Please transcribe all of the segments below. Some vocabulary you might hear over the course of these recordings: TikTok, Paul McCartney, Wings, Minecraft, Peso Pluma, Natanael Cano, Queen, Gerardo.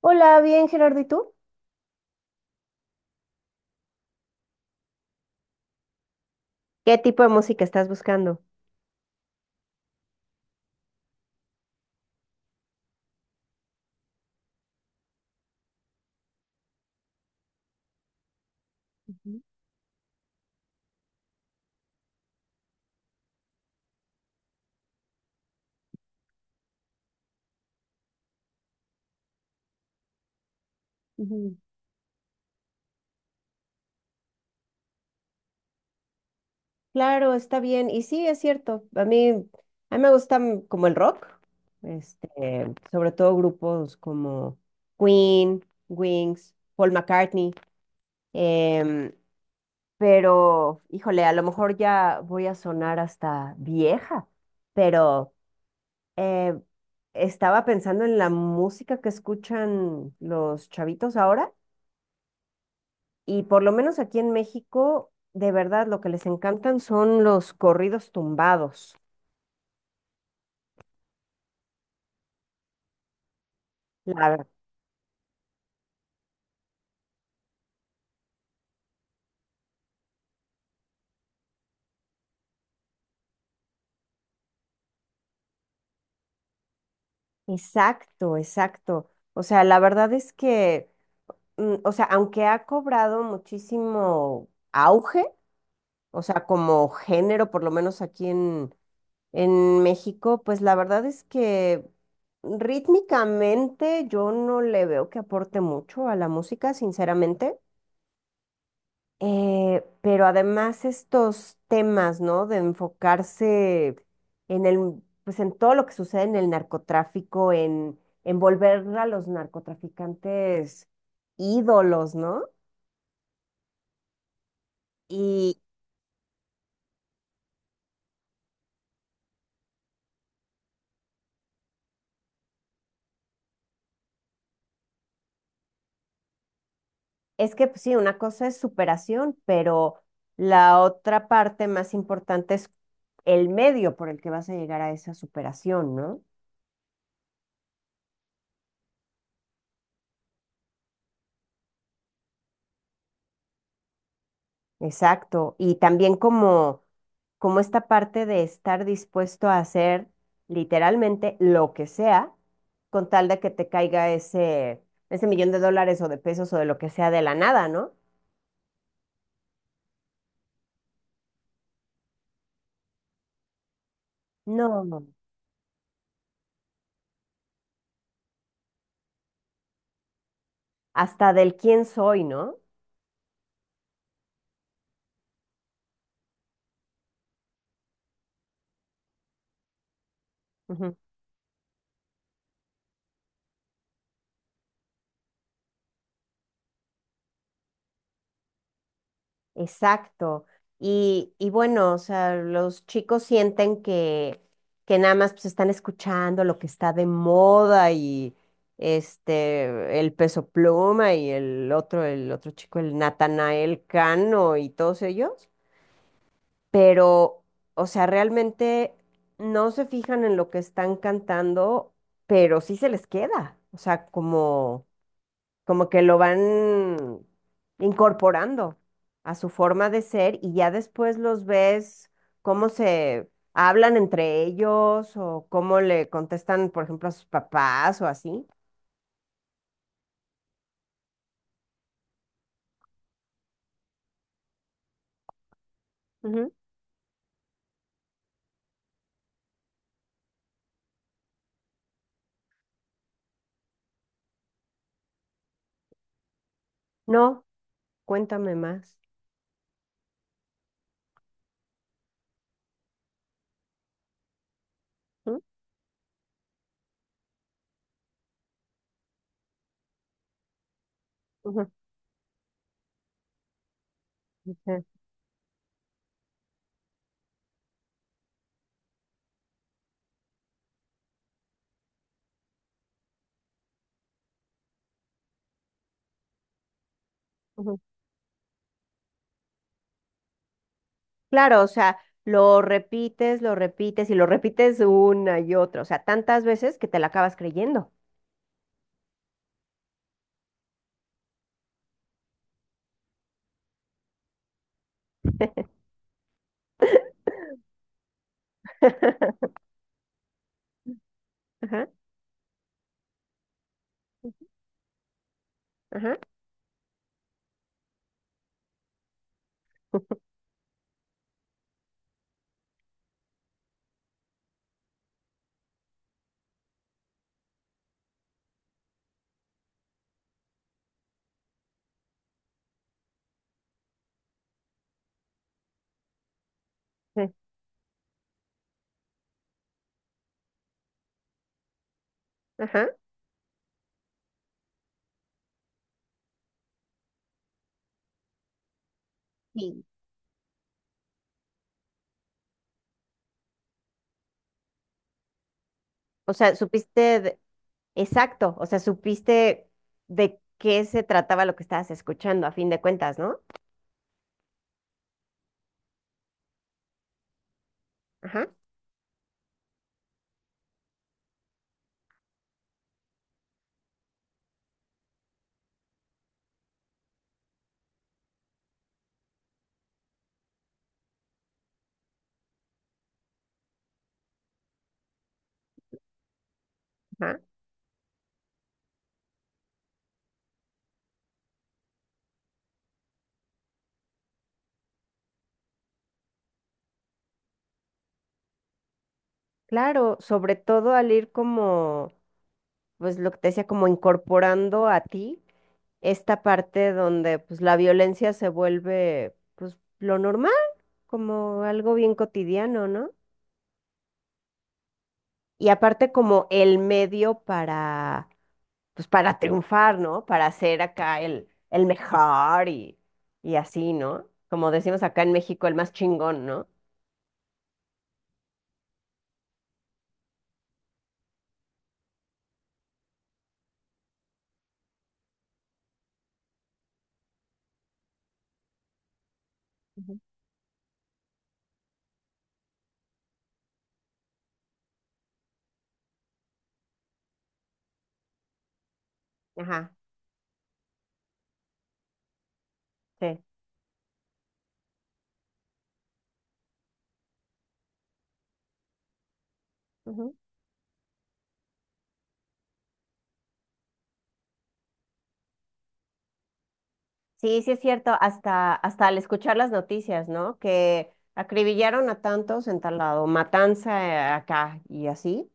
Hola, bien, Gerardo, ¿y tú? ¿Qué tipo de música estás buscando? Ujú. Claro, está bien. Y sí, es cierto. A mí me gusta como el rock, este, sobre todo grupos como Queen, Wings, Paul McCartney. em, pero, híjole, a lo mejor ya voy a sonar hasta vieja, pero eh, estaba pensando en la música que escuchan los chavitos ahora. Y por lo menos aquí en México, de verdad, lo que les encantan son los corridos tumbados. La ver- Exacto, exacto. O sea, la verdad es que, o sea, aunque ha cobrado muchísimo auge, o sea, como género, por lo menos en México, pues la verdad es que rítmicamente yo no le veo que aporte mucho a la música, sinceramente. Pero además estos temas, ¿no? De enfocarse pues en todo lo que sucede en el narcotráfico, en volver a los narcotraficantes ídolos, ¿no? Y es que pues, sí, una cosa es superación, pero la otra parte más importante es el medio por el que vas a llegar a esa superación, ¿no? Exacto. Y también como esta parte de estar dispuesto a hacer literalmente lo que sea con tal de que te caiga ese millón de dólares o de pesos o de lo que sea de la nada, ¿no? No, hasta del quién soy, ¿no? Exacto. Y bueno, o sea, los chicos sienten que nada más pues están escuchando lo que está de moda y este, el Peso Pluma y el otro chico, el Natanael Cano y todos ellos. Pero, o sea, realmente no se fijan en lo que están cantando, pero sí se les queda. O sea, como que lo van incorporando a su forma de ser y ya después los ves cómo se hablan entre ellos o cómo le contestan, por ejemplo, a sus papás o así. Ujú. No, cuéntame más. Ujú, ujú, ujú. Ujú. Claro, o sea, lo repites y lo repites una y otra, o sea, tantas veces que te la acabas creyendo. Ajá, ajá, sí, ajá. Sí. O sea, supiste, de- exacto, o sea, supiste de qué se trataba lo que estabas escuchando, a fin de cuentas, ¿no? Ajá, ajá. Claro, sobre todo al ir pues lo que te decía, como incorporando a ti esta parte donde pues la violencia se vuelve pues lo normal, como algo bien cotidiano, ¿no? Y aparte como el medio para pues para triunfar, ¿no? Para ser acá el mejor y así, ¿no? Como decimos acá en México, el más chingón, ¿no? Ujú. Ajá, sí. Ujú. Sí, sí es cierto, hasta al escuchar las noticias, ¿no? Que acribillaron a tantos en tal lado, matanza acá y así.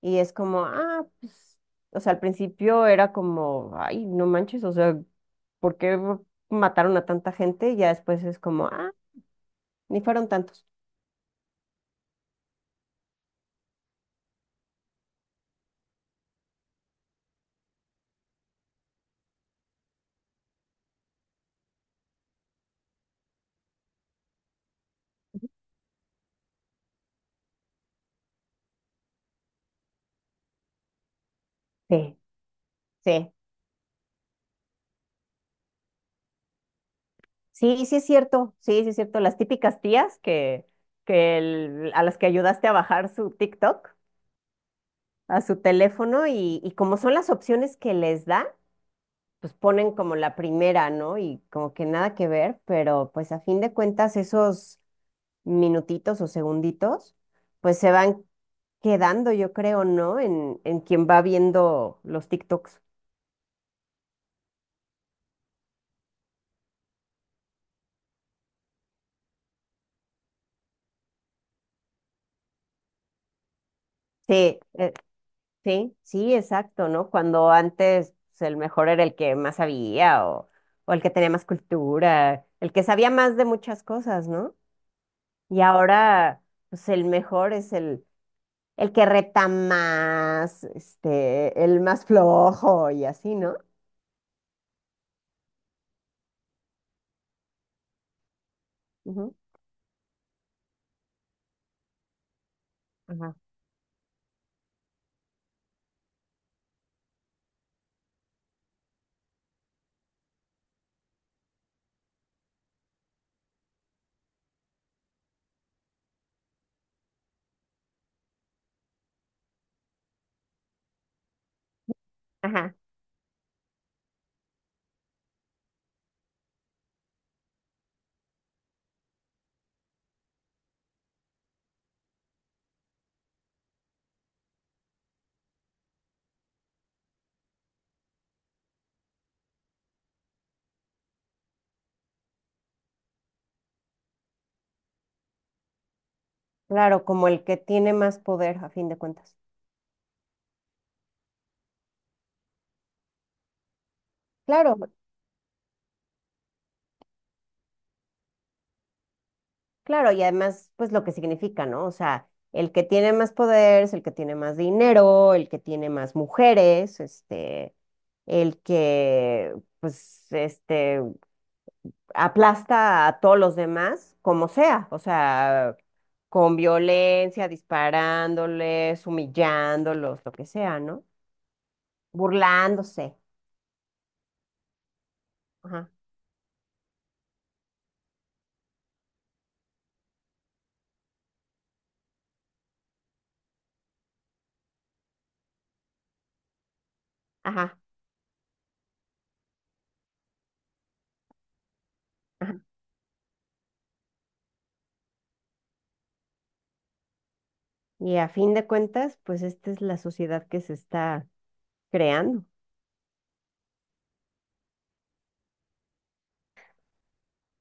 Y es como, ah, pues, o sea, al principio era como, ay, no manches, o sea, ¿por qué mataron a tanta gente? Y ya después es como, ah, ni fueron tantos. Sí, sí. Sí, sí es cierto, sí, sí es cierto. Las típicas tías a las que ayudaste a bajar su TikTok a su teléfono y como son las opciones que les da, pues ponen como la primera, ¿no? Y como que nada que ver, pero pues a fin de cuentas esos minutitos o segunditos, pues se van quedando, yo creo, ¿no? En quien va viendo los TikToks. Sí, sí, sí, exacto, ¿no? Cuando antes pues, el mejor era el que más sabía o el que tenía más cultura, el que sabía más de muchas cosas, ¿no? Y ahora, pues el mejor es el que reta más, este, el más flojo y así, ¿no? Ujú. Ajá. Ajá, claro, como el que tiene más poder a fin de cuentas. Claro, claro, y además, pues lo que significa, ¿no? O sea, el que tiene más poder es el que tiene más dinero, el que tiene más mujeres, este, el que, pues, este, aplasta a todos los demás, como sea, o sea, con violencia, disparándoles, humillándolos, lo que sea, ¿no? Burlándose. Ajá, ajá, ajá. Y a fin de cuentas, pues esta es la sociedad que se está creando.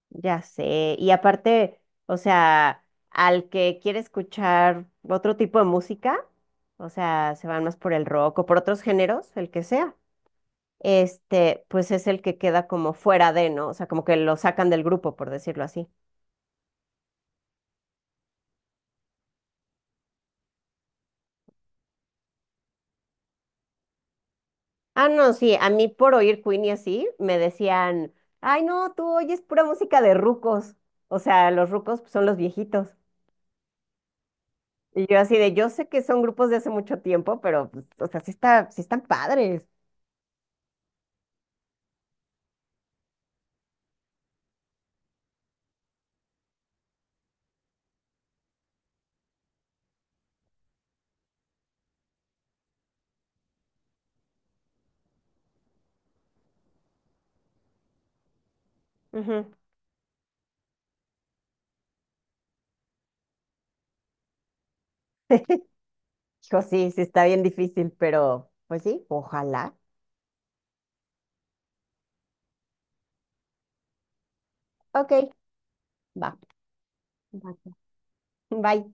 Ya sé, y aparte, o sea, al que quiere escuchar otro tipo de música, o sea, se van más por el rock o por otros géneros, el que sea, este, pues es el que queda como fuera de, ¿no? O sea, como que lo sacan del grupo, por decirlo así. Ah, no, sí, a mí por oír Queen y así, me decían, ay, no, tú oyes pura música de rucos. O sea, los rucos pues, son los viejitos. Y yo así de, yo sé que son grupos de hace mucho tiempo, pero, pues, o sea, sí están padres. Ujú. Hijo, sí, sí está bien difícil, pero pues sí, ojalá. Ok, va. Va. Bye.